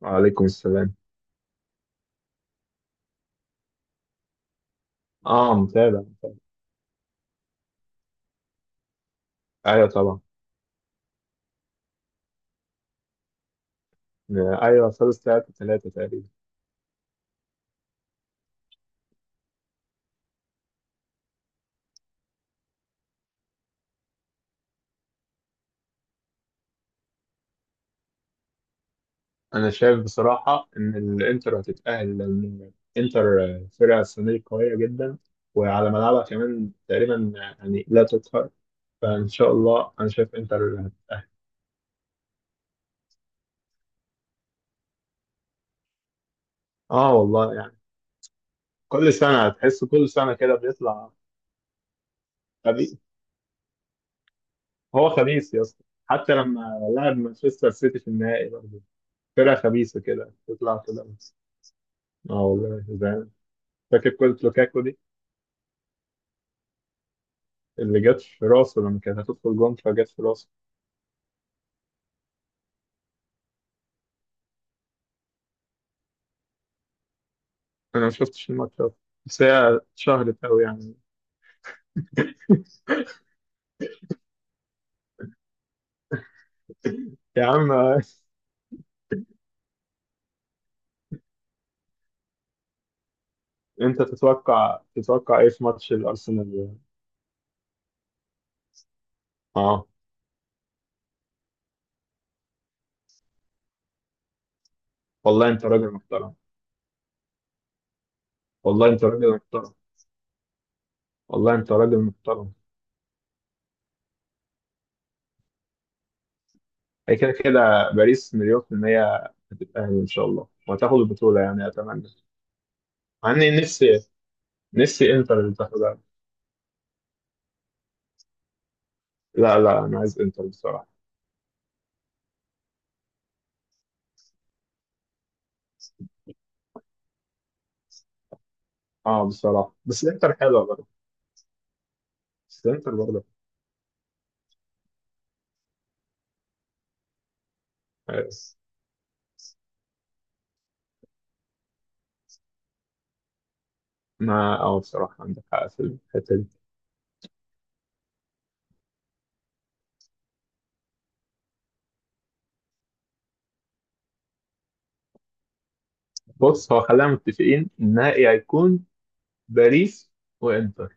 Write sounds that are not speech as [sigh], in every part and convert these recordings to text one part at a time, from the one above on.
وعليكم السلام. اه، متابع متابع. ايوه، طبعا. ايوه، خلص 3-3 تقريبا. انا شايف بصراحة ان الانتر هتتأهل، لان الانتر فرقة السنة دي قوية جدا، وعلى ملعبها كمان تقريبا يعني لا تقهر. فان شاء الله انا شايف انتر هتتأهل. اه والله يعني، كل سنة هتحس، كل سنة كده بيطلع خبيث. هو خبيث يا اسطى. حتى لما لعب مانشستر سيتي في النهائي برضه، فرقة خبيثة كده بتطلع كده. اه والله، زعلان. فاكر كرة لوكاكو دي، اللي جت في راسه لما كانت هتدخل جون فجت في راسه. انا ما شفتش الماتش ده، بس هي اتشهرت قوي يعني. يا عم، انت تتوقع ايه في ماتش الارسنال؟ اه، والله انت راجل محترم. والله انت راجل محترم. والله انت راجل محترم. هي كده كده. باريس مليون في المية هتتأهل ان شاء الله، وهتاخد البطولة يعني، اتمنى. مع اني نفسي انتر اللي تاخدها. لا، لا، انا عايز انتر بصراحة. اه، بصراحة بس انتر حلوة برضه. بس انتر برضه. بس ما بصراحة عندك حق في الحتة دي. بص، هو خلينا متفقين النهائي هيكون باريس وانتر.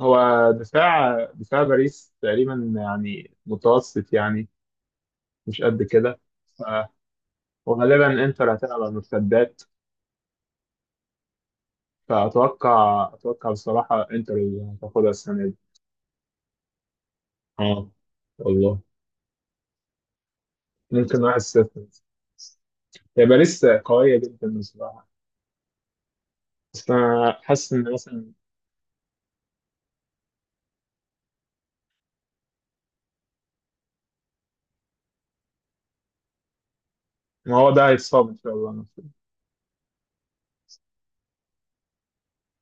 هو دفاع باريس تقريبا يعني متوسط يعني، مش قد كده. ف- وغالبا انتر هتلعب على المرتدات. فأتوقع بصراحة انتر اللي هتاخدها السنة دي. اه والله، ممكن 1-0. هي باريس قوية جدا بصراحة، بس أنا حاسس إن مثلا، ما هو ده هيتصاب إن شاء الله.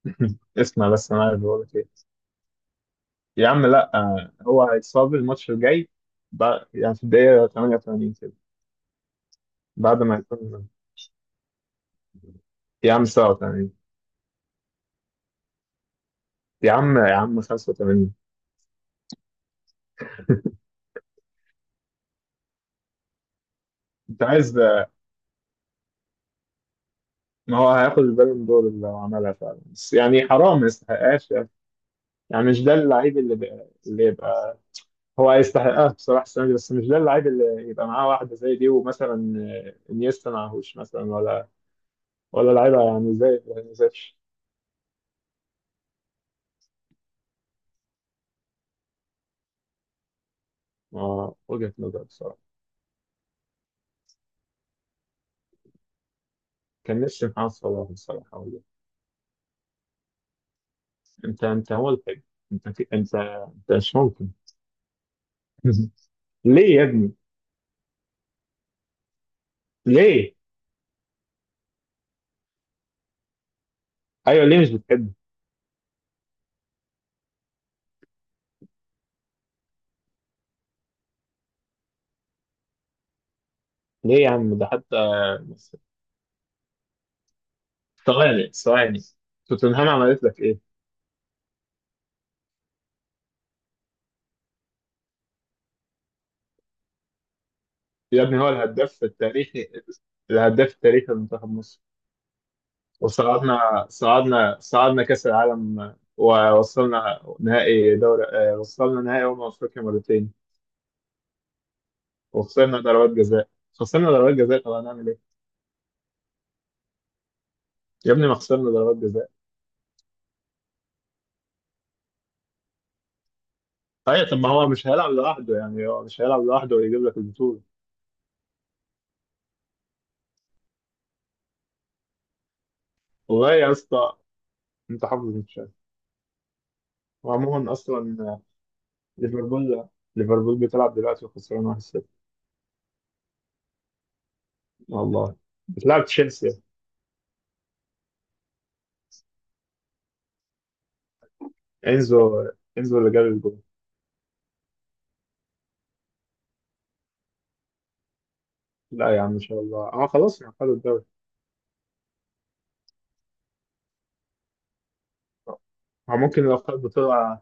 [laughs] اسمع، بس انا عايز اقول لك ايه. يا عم لا، هو هيتصاب الماتش الجاي. يعني في الدقيقة 88 كده، بعد ما يكون. يا عم 87. يا عم يا عم، 85. انت عايز، ما هو هياخد البالون دور اللي هو عملها فعلا، بس يعني حرام ما يستحقهاش يعني. يعني مش ده اللعيب اللي يبقى. هو هيستحقها بصراحة السنة دي، بس مش ده اللعيب اللي يبقى معاه واحدة زي دي ومثلا انيستا معهوش مثلا، ولا لعيبة يعني زي ماتش. وجهة نظر بصراحة. كان نفسي محمد صلاح الصراحة والله. أنت هو الحب. أنت مش ممكن. [laughs] ليه يا ابني؟ ليه؟ أيوه، ليه مش بتحبه؟ ليه يا عم ده حتى، بس- ثواني، ثواني. توتنهام عملت لك إيه؟ يا ابني، هو الهداف التاريخي. الهداف التاريخي لمنتخب مصر. وصعدنا صعدنا صعدنا كأس العالم، ووصلنا نهائي دوري، وصلنا نهائي أمم أفريقيا مرتين. وخسرنا ضربات جزاء، خسرنا ضربات جزاء. طب هنعمل إيه؟ يا ابني، ما خسرنا ضربات جزاء. ايوه، طب ما هو مش هيلعب لوحده يعني، هو مش هيلعب لوحده ويجيب لك البطوله. والله يا اسطى، انت حافظ مش عارف. وعموما اصلا، ليفربول ليفربول بتلعب دلوقتي وخسران 1-0. والله، بتلعب تشيلسي. انزو انزو اللي جاب الجول. لا يا عم، ان شاء الله خلاص ما خدوا الدوري. هو ممكن،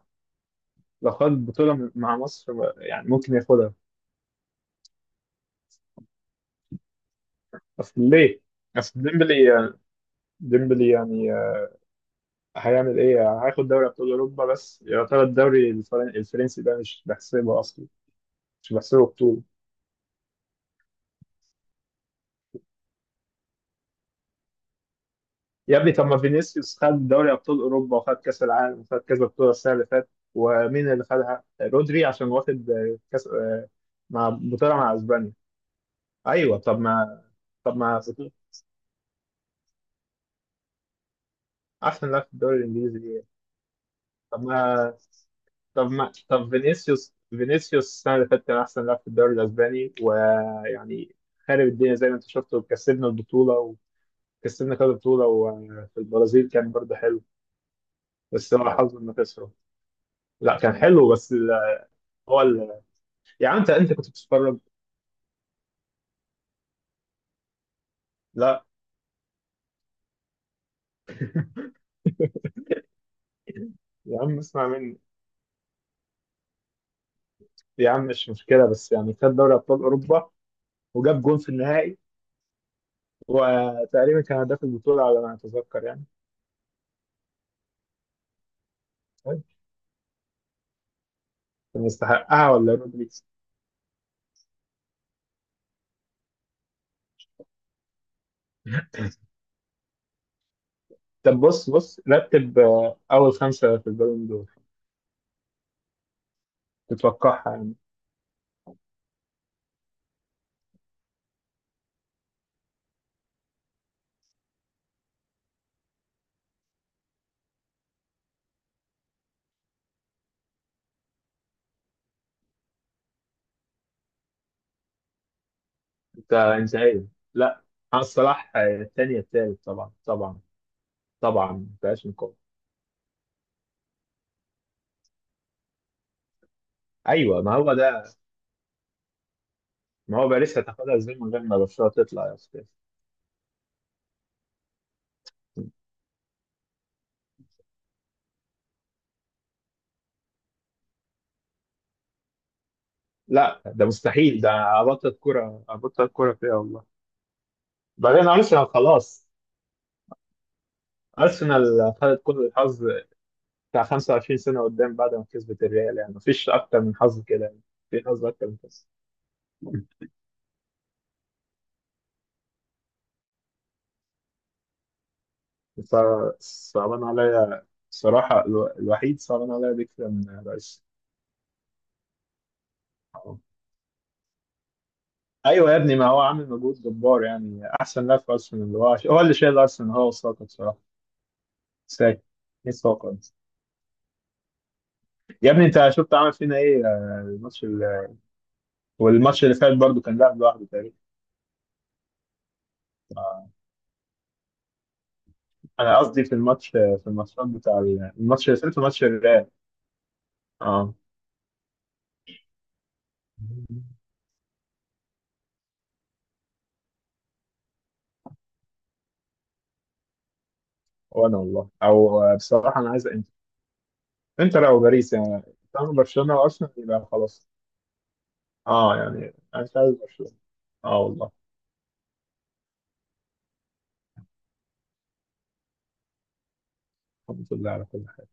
لو خد بطوله مع مصر، يعني ممكن ياخدها. اصل ليه؟ اصل ديمبلي يعني، هيعمل ايه؟ هياخد دوري ابطال اوروبا، بس يعتبر الدوري الفرنسي ده مش بحسبه اصلا، مش بحسبه بطولة. يا ابني، طب ما فينيسيوس خد دوري ابطال اوروبا، وخد كاس العالم، وخد كذا بطولة السنة اللي فاتت. ومين اللي خدها؟ رودري، عشان واخد كاس، مع بطولة مع اسبانيا. ايوه، طب ما. طب ما، احسن لاعب في الدوري الانجليزي ليه؟ طب ما طب ما طب فينيسيوس السنة اللي فاتت كان احسن لاعب في الدوري الاسباني ويعني، خارب الدنيا زي ما انت شفت وكسبنا البطولة، وكسبنا كذا بطولة، وفي البرازيل كان برضه حلو. بس هو حظه انه خسره. لا، كان حلو، بس هو يا عم، انت كنت بتتفرج. لا. يا عم، اسمع مني. يا عم، مش مشكله، بس يعني خد دوري ابطال اوروبا، وجاب جون في النهائي، وتقريبا كان هداف البطوله على ما اتذكر يعني. طيب، كان يستحقها ولا رودريجز؟ طب بص رتب، اول خمسه في البالون دور، تتوقعها يعني. انت انتهائي. لا. محمد صلاح، الثاني، الثالث، طبعا طبعا. طبعا، ما فيهاش نقاش. ايوه، ما هو ده. ما هو باريس هتاخدها ازاي من غير ما برشلونه تطلع يا استاذ؟ لا، ده مستحيل، ده ابطل كرة، ابطل كرة فيها والله. بعدين ارسنال خلاص. ارسنال خدت كل الحظ بتاع 25 سنة قدام، بعد ما كسبت الريال، يعني مفيش اكتر من حظ كده يعني. في حظ اكتر من كده؟ ف- صعبان عليا الصراحة، الوحيد صعبان عليا بكتير من رئيس. ايوه يا ابني، ما هو عامل مجهود جبار يعني، احسن لاعب في ارسنال اللي هو اللي شايل ارسنال، هو وساكا بصراحة. ساكا. ايه ساكا؟ يا ابني، انت شفت عمل فينا ايه الماتش. والماتش اللي فات برضو، كان لاعب لوحده تقريبا. آه، انا قصدي في الماتشات بتاع الماتش اللي فات وماتش الريال. اه، وانا والله، او بصراحه، انا عايز انتر. انتر او باريس يعني. طالما برشلونه وارسنال، يبقى خلاص. اه، يعني انا مش عايز برشلونه. اه والله. الحمد لله على كل.